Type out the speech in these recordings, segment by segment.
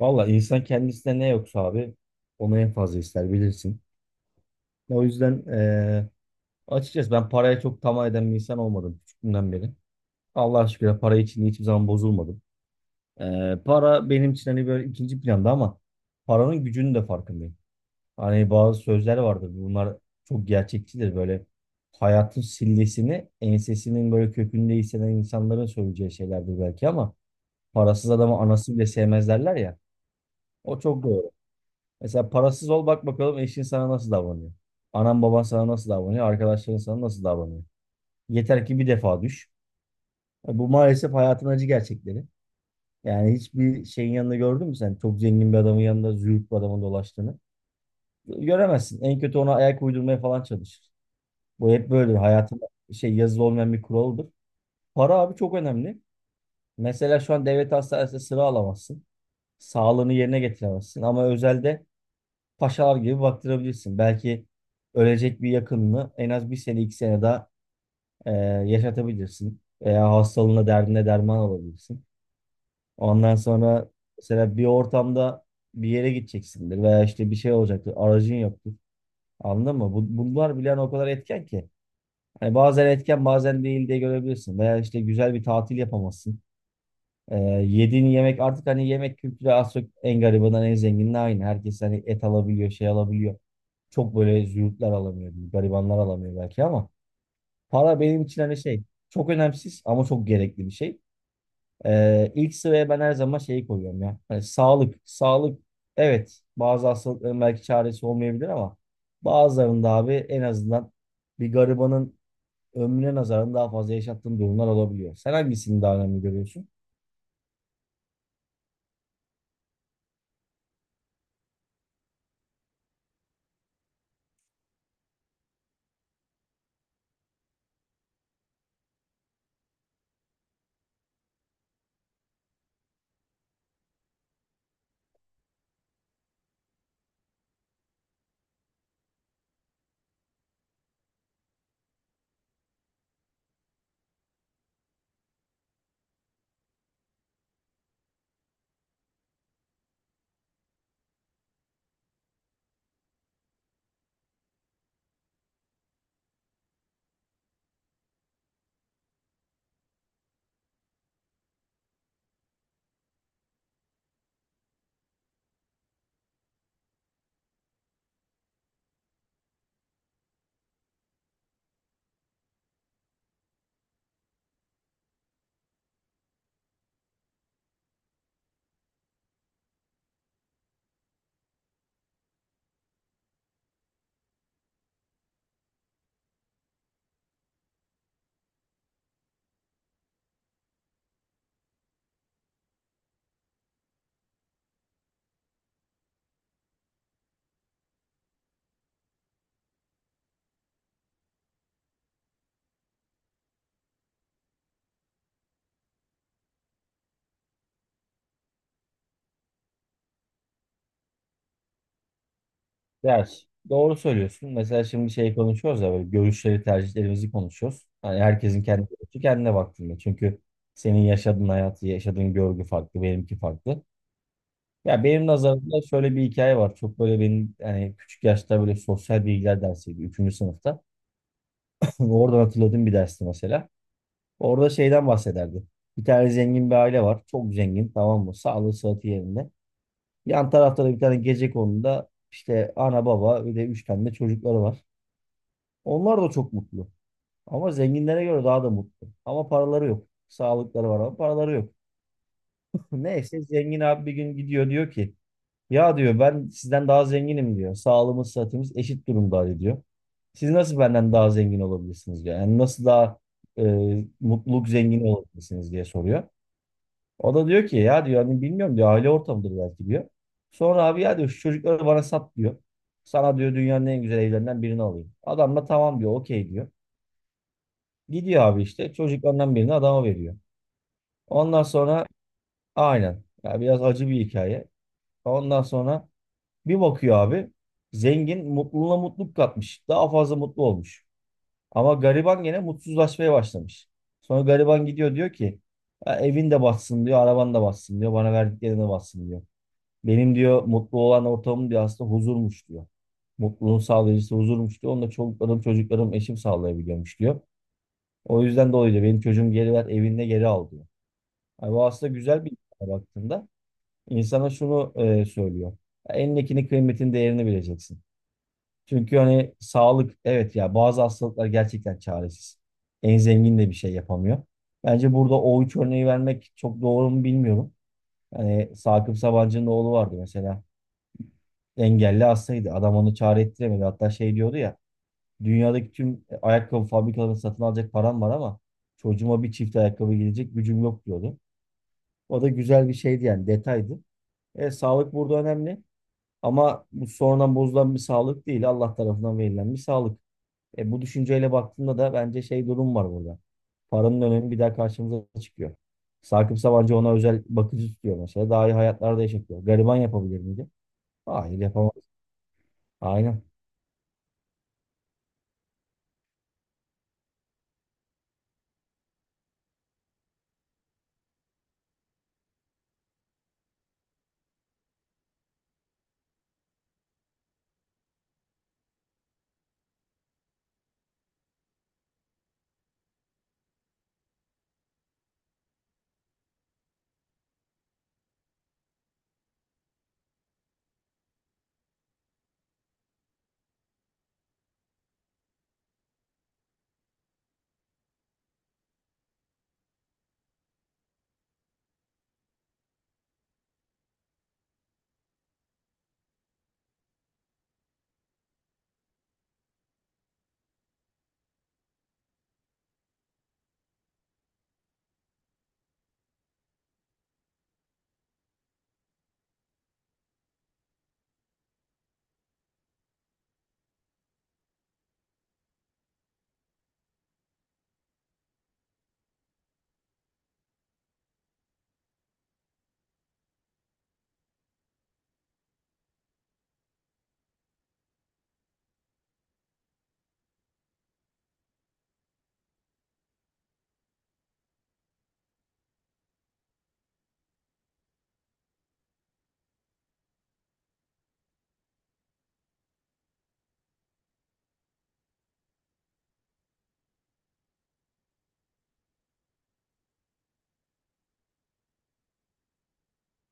Valla insan kendisine ne yoksa abi onu en fazla ister bilirsin. O yüzden açıkçası ben paraya çok tamah eden bir insan olmadım küçüklüğümden beri. Allah'a şükür para için hiçbir zaman bozulmadım. Para benim için hani böyle ikinci planda ama paranın gücünün de farkındayım. Hani bazı sözler vardır, bunlar çok gerçekçidir, böyle hayatın sillesini ensesinin böyle kökünde hisseden insanların söyleyeceği şeylerdir belki ama parasız adamı anası bile sevmez derler ya. O çok doğru. Mesela parasız ol, bak bakalım eşin sana nasıl davranıyor. Anan baban sana nasıl davranıyor. Arkadaşların sana nasıl davranıyor. Yeter ki bir defa düş. Bu maalesef hayatın acı gerçekleri. Yani hiçbir şeyin yanında gördün mü sen çok zengin bir adamın yanında züğürt bir adamın dolaştığını? Göremezsin. En kötü ona ayak uydurmaya falan çalışır. Bu hep böyledir. Hayatın şey yazılı olmayan bir kuralıdır. Para abi çok önemli. Mesela şu an devlet hastanesinde sıra alamazsın. Sağlığını yerine getiremezsin. Ama özelde paşalar gibi baktırabilirsin. Belki ölecek bir yakınını en az bir sene iki sene daha e, yaşatabilirsin. Veya hastalığına, derdine derman olabilirsin. Ondan sonra mesela bir ortamda bir yere gideceksindir veya işte bir şey olacaktır. Aracın yoktur. Anladın mı? Bunlar bile hani o kadar etken ki. Hani bazen etken bazen değil diye görebilirsin. Veya işte güzel bir tatil yapamazsın. E, Yediğin yemek, artık hani yemek kültürü az çok en garibinden en zenginine aynı. Herkes hani et alabiliyor, şey alabiliyor. Çok böyle züğürtler alamıyor, garibanlar alamıyor belki ama para benim için hani şey, çok önemsiz ama çok gerekli bir şey. İlk sıraya ben her zaman şeyi koyuyorum ya. Hani sağlık, sağlık, evet bazı hastalıkların belki çaresi olmayabilir ama bazılarında abi en azından bir garibanın ömrüne nazaran daha fazla yaşattığın durumlar olabiliyor. Sen hangisini daha önemli görüyorsun? Ders. Doğru söylüyorsun. Mesela şimdi şey konuşuyoruz ya, böyle görüşleri, tercihlerimizi konuşuyoruz. Hani herkesin kendi görüşü kendine baktığında. Çünkü senin yaşadığın hayatı, yaşadığın görgü farklı, benimki farklı. Ya benim nazarımda şöyle bir hikaye var. Çok böyle benim yani küçük yaşta, böyle sosyal bilgiler dersiydi. Üçüncü sınıfta. Oradan hatırladığım bir dersti mesela. Orada şeyden bahsederdi. Bir tane zengin bir aile var. Çok zengin, tamam mı? Sağlığı sıhhati yerinde. Yan tarafta da bir tane gecekonduda işte ana baba ve de üç tane de çocukları var. Onlar da çok mutlu. Ama zenginlere göre daha da mutlu. Ama paraları yok. Sağlıkları var ama paraları yok. Neyse zengin abi bir gün gidiyor, diyor ki ya diyor, ben sizden daha zenginim diyor. Sağlığımız sıhhatimiz eşit durumda diyor. Siz nasıl benden daha zengin olabilirsiniz diyor. Yani nasıl daha mutluluk zengini olabilirsiniz diye soruyor. O da diyor ki ya diyor, hani bilmiyorum diyor, aile ortamıdır belki diyor. Sonra abi ya diyor, şu çocukları bana sat diyor. Sana diyor dünyanın en güzel evlerinden birini alayım. Adam da tamam diyor, okey diyor. Gidiyor abi işte çocuklarından birini adama veriyor. Ondan sonra aynen, ya biraz acı bir hikaye. Ondan sonra bir bakıyor abi, zengin mutluluğuna mutluluk katmış. Daha fazla mutlu olmuş. Ama gariban gene mutsuzlaşmaya başlamış. Sonra gariban gidiyor, diyor ki: "Ya evin de batsın diyor, araban da batsın diyor, bana verdiklerine batsın diyor. Benim diyor mutlu olan ortamım diyor aslında huzurmuş diyor. Mutluluğun sağlayıcısı huzurmuş diyor. Onu da çoluklarım, çocuklarım, eşim sağlayabiliyormuş diyor. O yüzden dolayı diyor benim çocuğum geri ver, evinde geri al diyor. Yani bu aslında güzel bir insana baktığında insana şunu söylüyor. Ya elindekinin kıymetini, değerini bileceksin. Çünkü hani sağlık, evet ya, bazı hastalıklar gerçekten çaresiz. En zengin de bir şey yapamıyor. Bence burada o üç örneği vermek çok doğru mu bilmiyorum. Hani Sakıp Sabancı'nın oğlu vardı mesela. Engelli hastaydı. Adam onu çare ettiremedi. Hatta şey diyordu ya, dünyadaki tüm ayakkabı fabrikalarını satın alacak param var ama çocuğuma bir çift ayakkabı gidecek gücüm yok diyordu. O da güzel bir şeydi yani, detaydı. Sağlık burada önemli. Ama bu sonradan bozulan bir sağlık değil. Allah tarafından verilen bir sağlık. Bu düşünceyle baktığında da bence şey durum var burada. Paranın önemi bir daha karşımıza çıkıyor. Sakıp Sabancı ona özel bakıcı tutuyor mesela. Daha iyi hayatlarda yaşatıyor. Gariban yapabilir miydi? Hayır yapamaz. Aynen.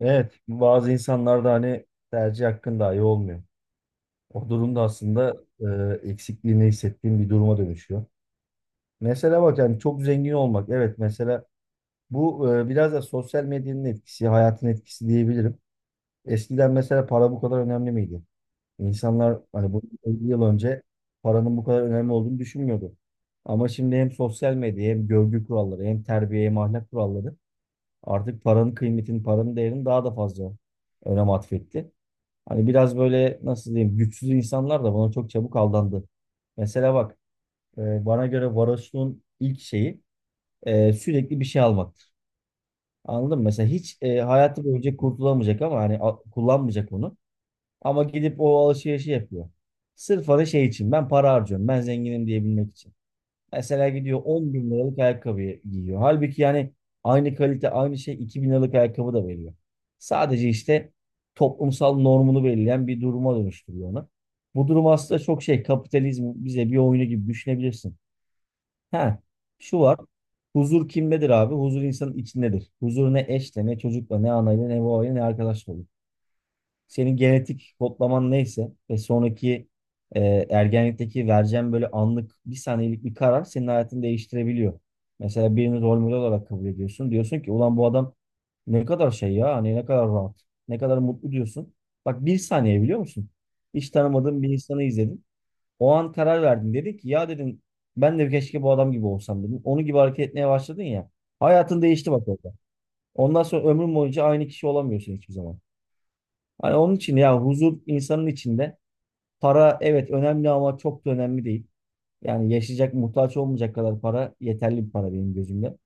Evet. Bazı insanlarda hani tercih hakkın dahi olmuyor. O durumda aslında eksikliğini hissettiğim bir duruma dönüşüyor. Mesela bak, yani çok zengin olmak. Evet mesela bu biraz da sosyal medyanın etkisi, hayatın etkisi diyebilirim. Eskiden mesela para bu kadar önemli miydi? İnsanlar hani bu 50 yıl önce paranın bu kadar önemli olduğunu düşünmüyordu. Ama şimdi hem sosyal medya hem görgü kuralları hem terbiye hem ahlak kuralları artık paranın kıymetini, paranın değerini daha da fazla önem atfetti. Hani biraz böyle nasıl diyeyim, güçsüz insanlar da buna çok çabuk aldandı. Mesela bak, bana göre varoşluğun ilk şeyi sürekli bir şey almak. Anladın mı? Mesela hiç hayatı boyunca kurtulamayacak ama hani kullanmayacak onu. Ama gidip o alışverişi yapıyor. Sırf hani şey için, ben para harcıyorum. Ben zenginim diyebilmek için. Mesela gidiyor 10 bin liralık ayakkabıyı giyiyor. Halbuki yani aynı kalite aynı şey 2 bin liralık ayakkabı da veriyor. Sadece işte toplumsal normunu belirleyen bir duruma dönüştürüyor onu. Bu durum aslında çok şey, kapitalizm bize bir oyunu gibi düşünebilirsin. Ha, şu var. Huzur kimdedir abi? Huzur insanın içindedir. Huzur ne eşle, ne çocukla, ne anayla, ne babayla, ne arkadaşla olur. Senin genetik kodlaman neyse ve sonraki e, ergenlikteki vereceğin böyle anlık bir saniyelik bir karar senin hayatını değiştirebiliyor. Mesela birini rol model olarak kabul ediyorsun. Diyorsun ki ulan bu adam ne kadar şey ya, hani ne kadar rahat, ne kadar mutlu diyorsun. Bak bir saniye, biliyor musun? Hiç tanımadığın bir insanı izledin. O an karar verdin. Dedi ki ya dedim ben de, keşke bu adam gibi olsam dedim. Onun gibi hareket etmeye başladın ya. Hayatın değişti bak orada. Ondan sonra ömrün boyunca aynı kişi olamıyorsun hiçbir zaman. Hani onun için ya, huzur insanın içinde. Para evet önemli ama çok da önemli değil. Yani yaşayacak, muhtaç olmayacak kadar para yeterli bir para benim gözümde.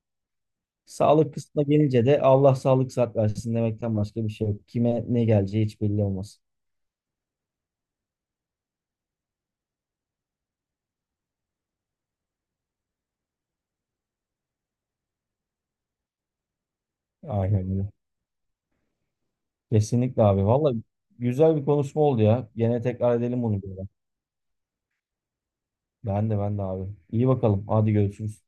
Sağlık kısmına gelince de Allah sağlık sıhhat versin demekten başka bir şey yok. Kime ne geleceği hiç belli olmaz. Aynen öyle. Kesinlikle abi. Vallahi güzel bir konuşma oldu ya. Gene tekrar edelim bunu. Ben de abi. İyi bakalım. Hadi görüşürüz.